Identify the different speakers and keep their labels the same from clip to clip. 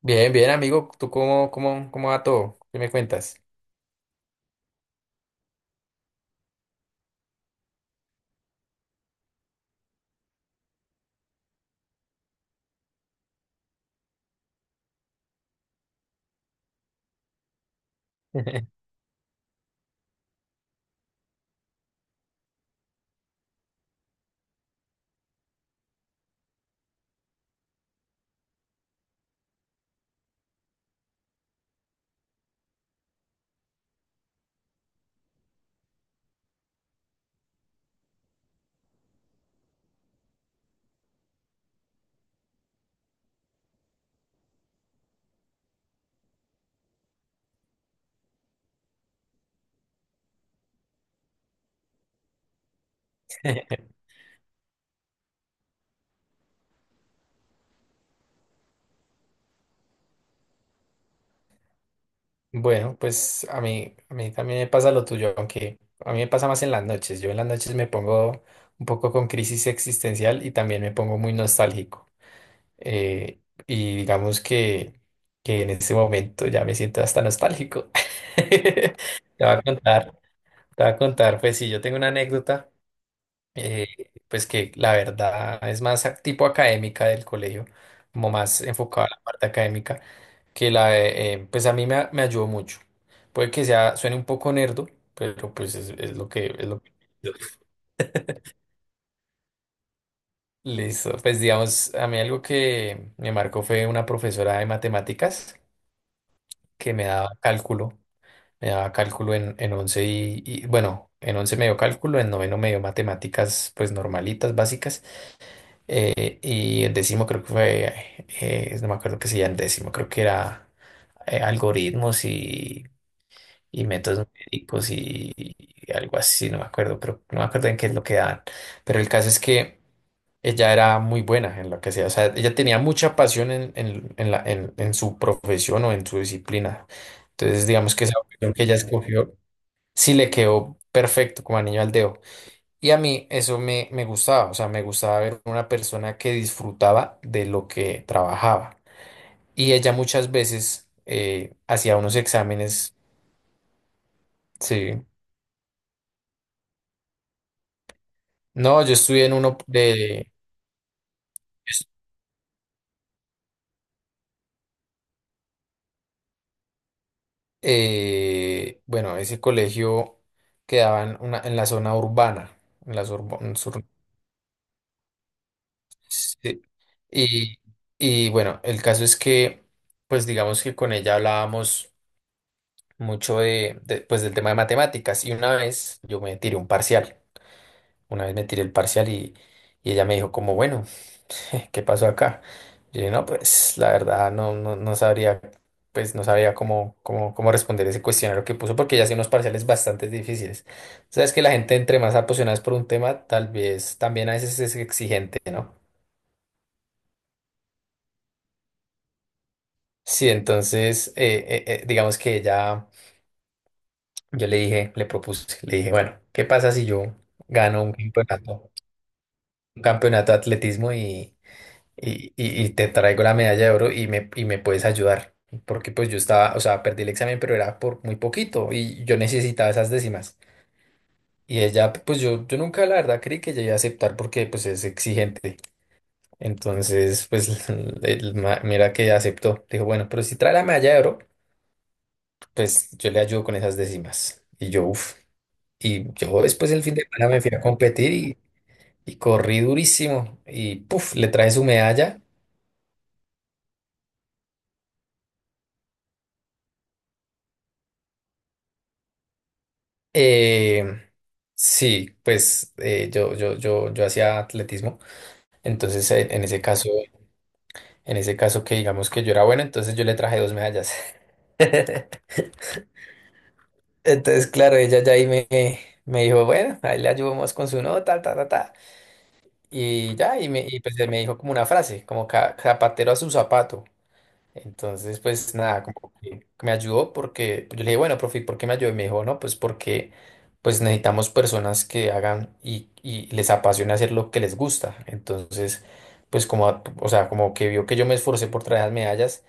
Speaker 1: Bien, bien, amigo. ¿Tú cómo va todo? ¿Qué me cuentas? Bueno, pues a mí también me pasa lo tuyo, aunque a mí me pasa más en las noches. Yo en las noches me pongo un poco con crisis existencial y también me pongo muy nostálgico. Eh, y digamos que en este momento ya me siento hasta nostálgico. Te voy a contar, Te voy a contar, pues sí, yo tengo una anécdota. eh, pues que la verdad es más tipo académica del colegio, como más enfocada a la parte académica, que la de, pues a mí me ayudó mucho. Puede que suene un poco nerdo, pero pues es lo que, es lo que. Listo, pues digamos, a mí algo que me marcó fue una profesora de matemáticas que me daba cálculo en 11 y, bueno, en 11 me dio cálculo, en noveno me dio matemáticas pues normalitas, básicas. Y el décimo creo que fue, no me acuerdo qué se llama el décimo, creo que era algoritmos y métodos numéricos y algo así, no me acuerdo, pero no me acuerdo en qué es lo que dan. Pero el caso es que ella era muy buena en lo que hacía, o sea, ella tenía mucha pasión en su profesión o en su disciplina. Entonces, digamos que esa opción que ella escogió sí le quedó perfecto como anillo al dedo. Y a mí eso me gustaba, o sea, me gustaba ver una persona que disfrutaba de lo que trabajaba. Y ella muchas veces hacía unos exámenes. Sí. No, yo estudié en uno de, bueno, ese colegio quedaba en la zona urbana. En la sur- en sur- Sí. Y, y bueno, el caso es que, pues digamos que con ella hablábamos mucho pues del tema de matemáticas y una vez yo me tiré un parcial. Una vez me tiré el parcial y ella me dijo como, bueno, ¿qué pasó acá? Yo dije, no, pues la verdad no sabría, pues no sabía cómo responder ese cuestionario que puso porque ella hacía unos parciales bastante difíciles. Sabes que la gente entre más apasionada es por un tema, tal vez también a veces es exigente, ¿no? Sí, entonces, digamos que ella, yo le dije, le propuse, le dije, bueno, ¿qué pasa si yo gano un campeonato de atletismo y te traigo la medalla de oro y me puedes ayudar. Porque pues yo estaba, o sea, perdí el examen, pero era por muy poquito y yo necesitaba esas décimas. Y ella, pues yo nunca la verdad creí que ella iba a aceptar porque pues es exigente. Entonces, pues el mira que aceptó. Dijo, bueno, pero si trae la medalla de oro, pues yo le ayudo con esas décimas. Y yo, uff. Y yo después el fin de semana me fui a competir y corrí durísimo. Y puff, le traje su medalla. Eh, sí, pues yo hacía atletismo, entonces en ese caso que digamos que yo era bueno, entonces yo le traje dos medallas. Entonces, claro, ella ya ahí me dijo, bueno, ahí le ayudamos con su nota, ta, ta, ta. Y pues me dijo como una frase, como zapatero a su zapato". Entonces, pues nada, como que me ayudó porque pues, yo le dije, bueno, profe, ¿por qué me ayudó? Y me dijo, no, pues porque pues necesitamos personas que hagan y les apasiona hacer lo que les gusta. Entonces, pues como, o sea, como que vio que yo me esforcé por traer las medallas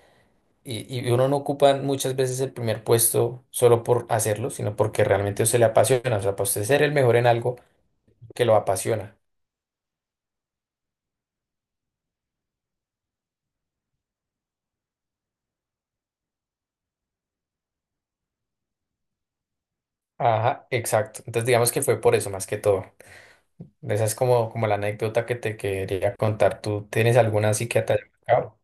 Speaker 1: y uno no ocupa muchas veces el primer puesto solo por hacerlo, sino porque realmente a usted le apasiona. O sea, para usted ser el mejor en algo que lo apasiona. Ajá, exacto. Entonces, digamos que fue por eso más que todo. Esa es como, como la anécdota que te quería contar. ¿Tú tienes alguna así que te haya marcado?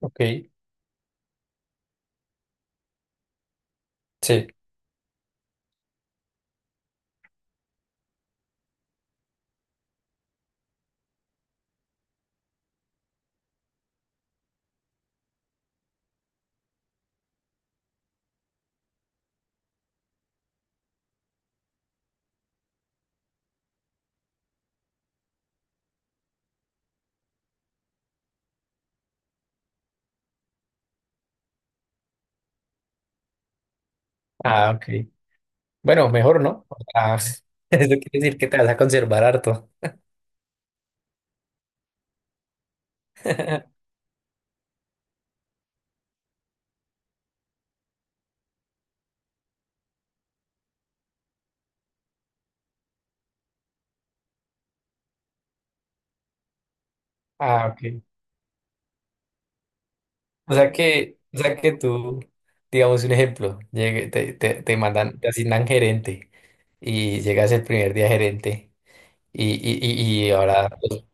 Speaker 1: Ok, sí. Ah, ok. Bueno, mejor no. O sea, eso quiere decir que te vas a conservar harto. Ah, ok. O sea que tú, digamos un ejemplo, te mandan, te asignan gerente y llegas el primer día gerente y ahora los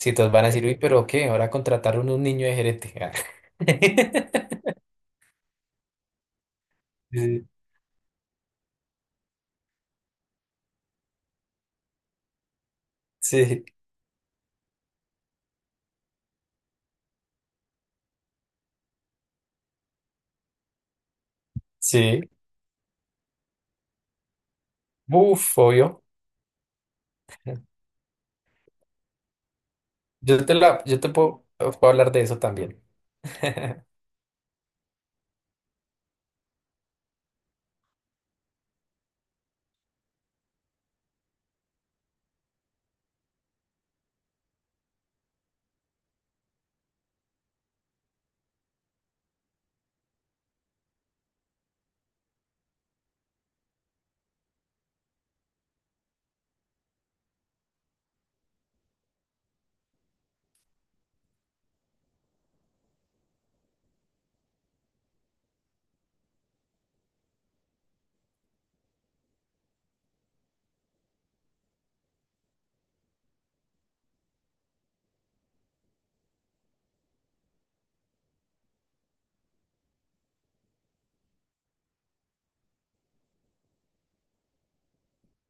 Speaker 1: citos van a decir, uy, pero ¿qué? Ahora contrataron un niño de gerente. Sí, sí, sí. Uf, obvio. Yo te puedo hablar de eso también.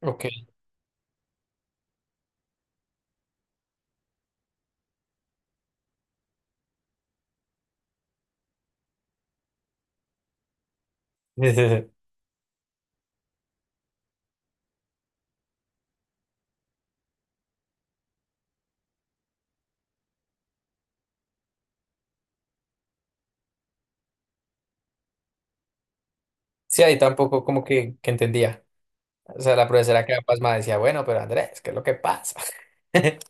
Speaker 1: Ok. Sí, sí, sí. Sí, ahí tampoco como que entendía. O sea, la profesora quedaba pasmada decía, bueno, pero Andrés, ¿qué es lo que pasa?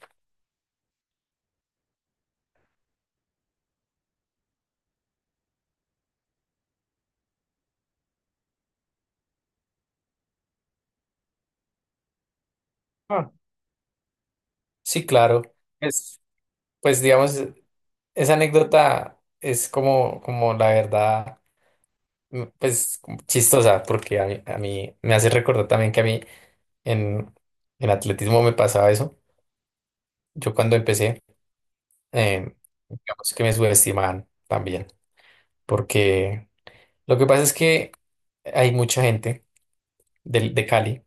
Speaker 1: Ah, sí, claro. Pues, pues digamos, esa anécdota es como, como la verdad, pues como chistosa, porque a mí me hace recordar también que a mí en, en atletismo me pasaba eso. Yo cuando empecé, eh, digamos que me subestimaban también, porque lo que pasa es que hay mucha gente de Cali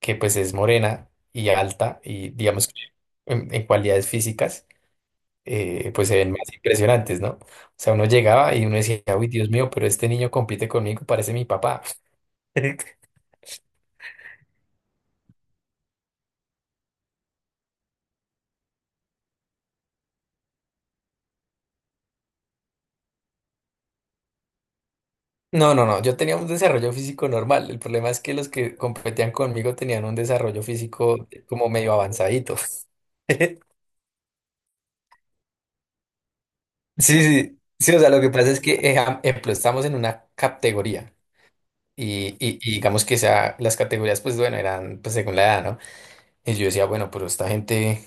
Speaker 1: que pues es morena y alta y digamos que en cualidades físicas pues se ven más impresionantes, ¿no? O sea, uno llegaba y uno decía, uy, Dios mío, pero este niño compite conmigo, parece mi papá. No, no, no, yo tenía un desarrollo físico normal. El problema es que los que competían conmigo tenían un desarrollo físico como medio avanzadito. Sí, sí, sí, o sea, lo que pasa es que, ejemplo, estamos en una categoría. Y digamos que las categorías, pues bueno, eran pues según la edad, ¿no? Y yo decía, bueno, pero esta gente,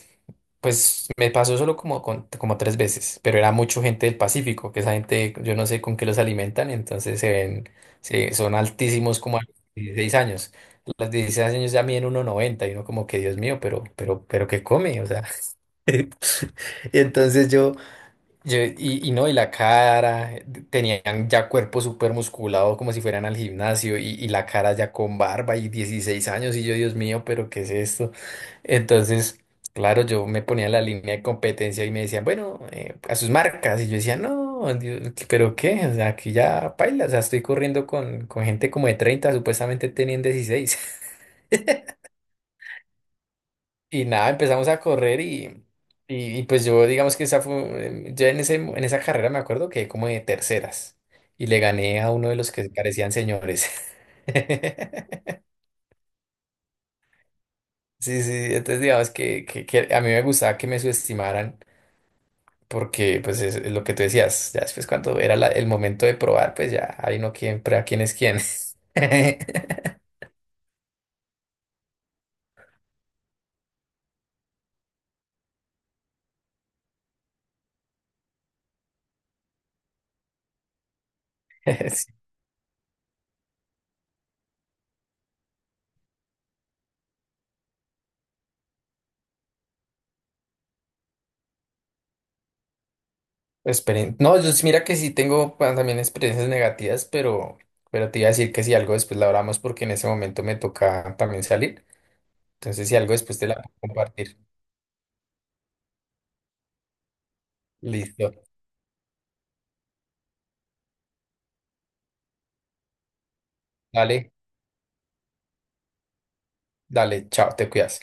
Speaker 1: pues me pasó solo como, como tres veces, pero era mucho gente del Pacífico, que esa gente, yo no sé con qué los alimentan, entonces son altísimos como a los 16 años. Los 16 años ya miden uno noventa y uno como que, Dios mío, pero ¿qué come? O sea, y entonces yo. Y no, y la cara, tenían ya cuerpo súper musculado como si fueran al gimnasio y la cara ya con barba y 16 años y yo, Dios mío, pero ¿qué es esto? Entonces, claro, yo me ponía en la línea de competencia y me decían, bueno, a sus marcas y yo decía, no, Dios, pero ¿qué? O sea, aquí ya paila, o sea, estoy corriendo con gente como de 30 supuestamente tenían dieciséis. Y nada, empezamos a correr y pues yo digamos que esa fue, yo en ese, en esa carrera me acuerdo que como de terceras y le gané a uno de los que parecían señores. Sí, sí, entonces digamos que a mí me gustaba que me subestimaran porque pues es lo que tú decías, ya después cuando era el momento de probar, pues ya ahí no quién, prueba quién es quién. Esperen. No, yo mira que sí tengo pues, también experiencias negativas, pero, te iba a decir que si algo después la hablamos porque en ese momento me toca también salir. Entonces, si algo después te la puedo compartir. Listo. Dale, dale, chao, te cuidas.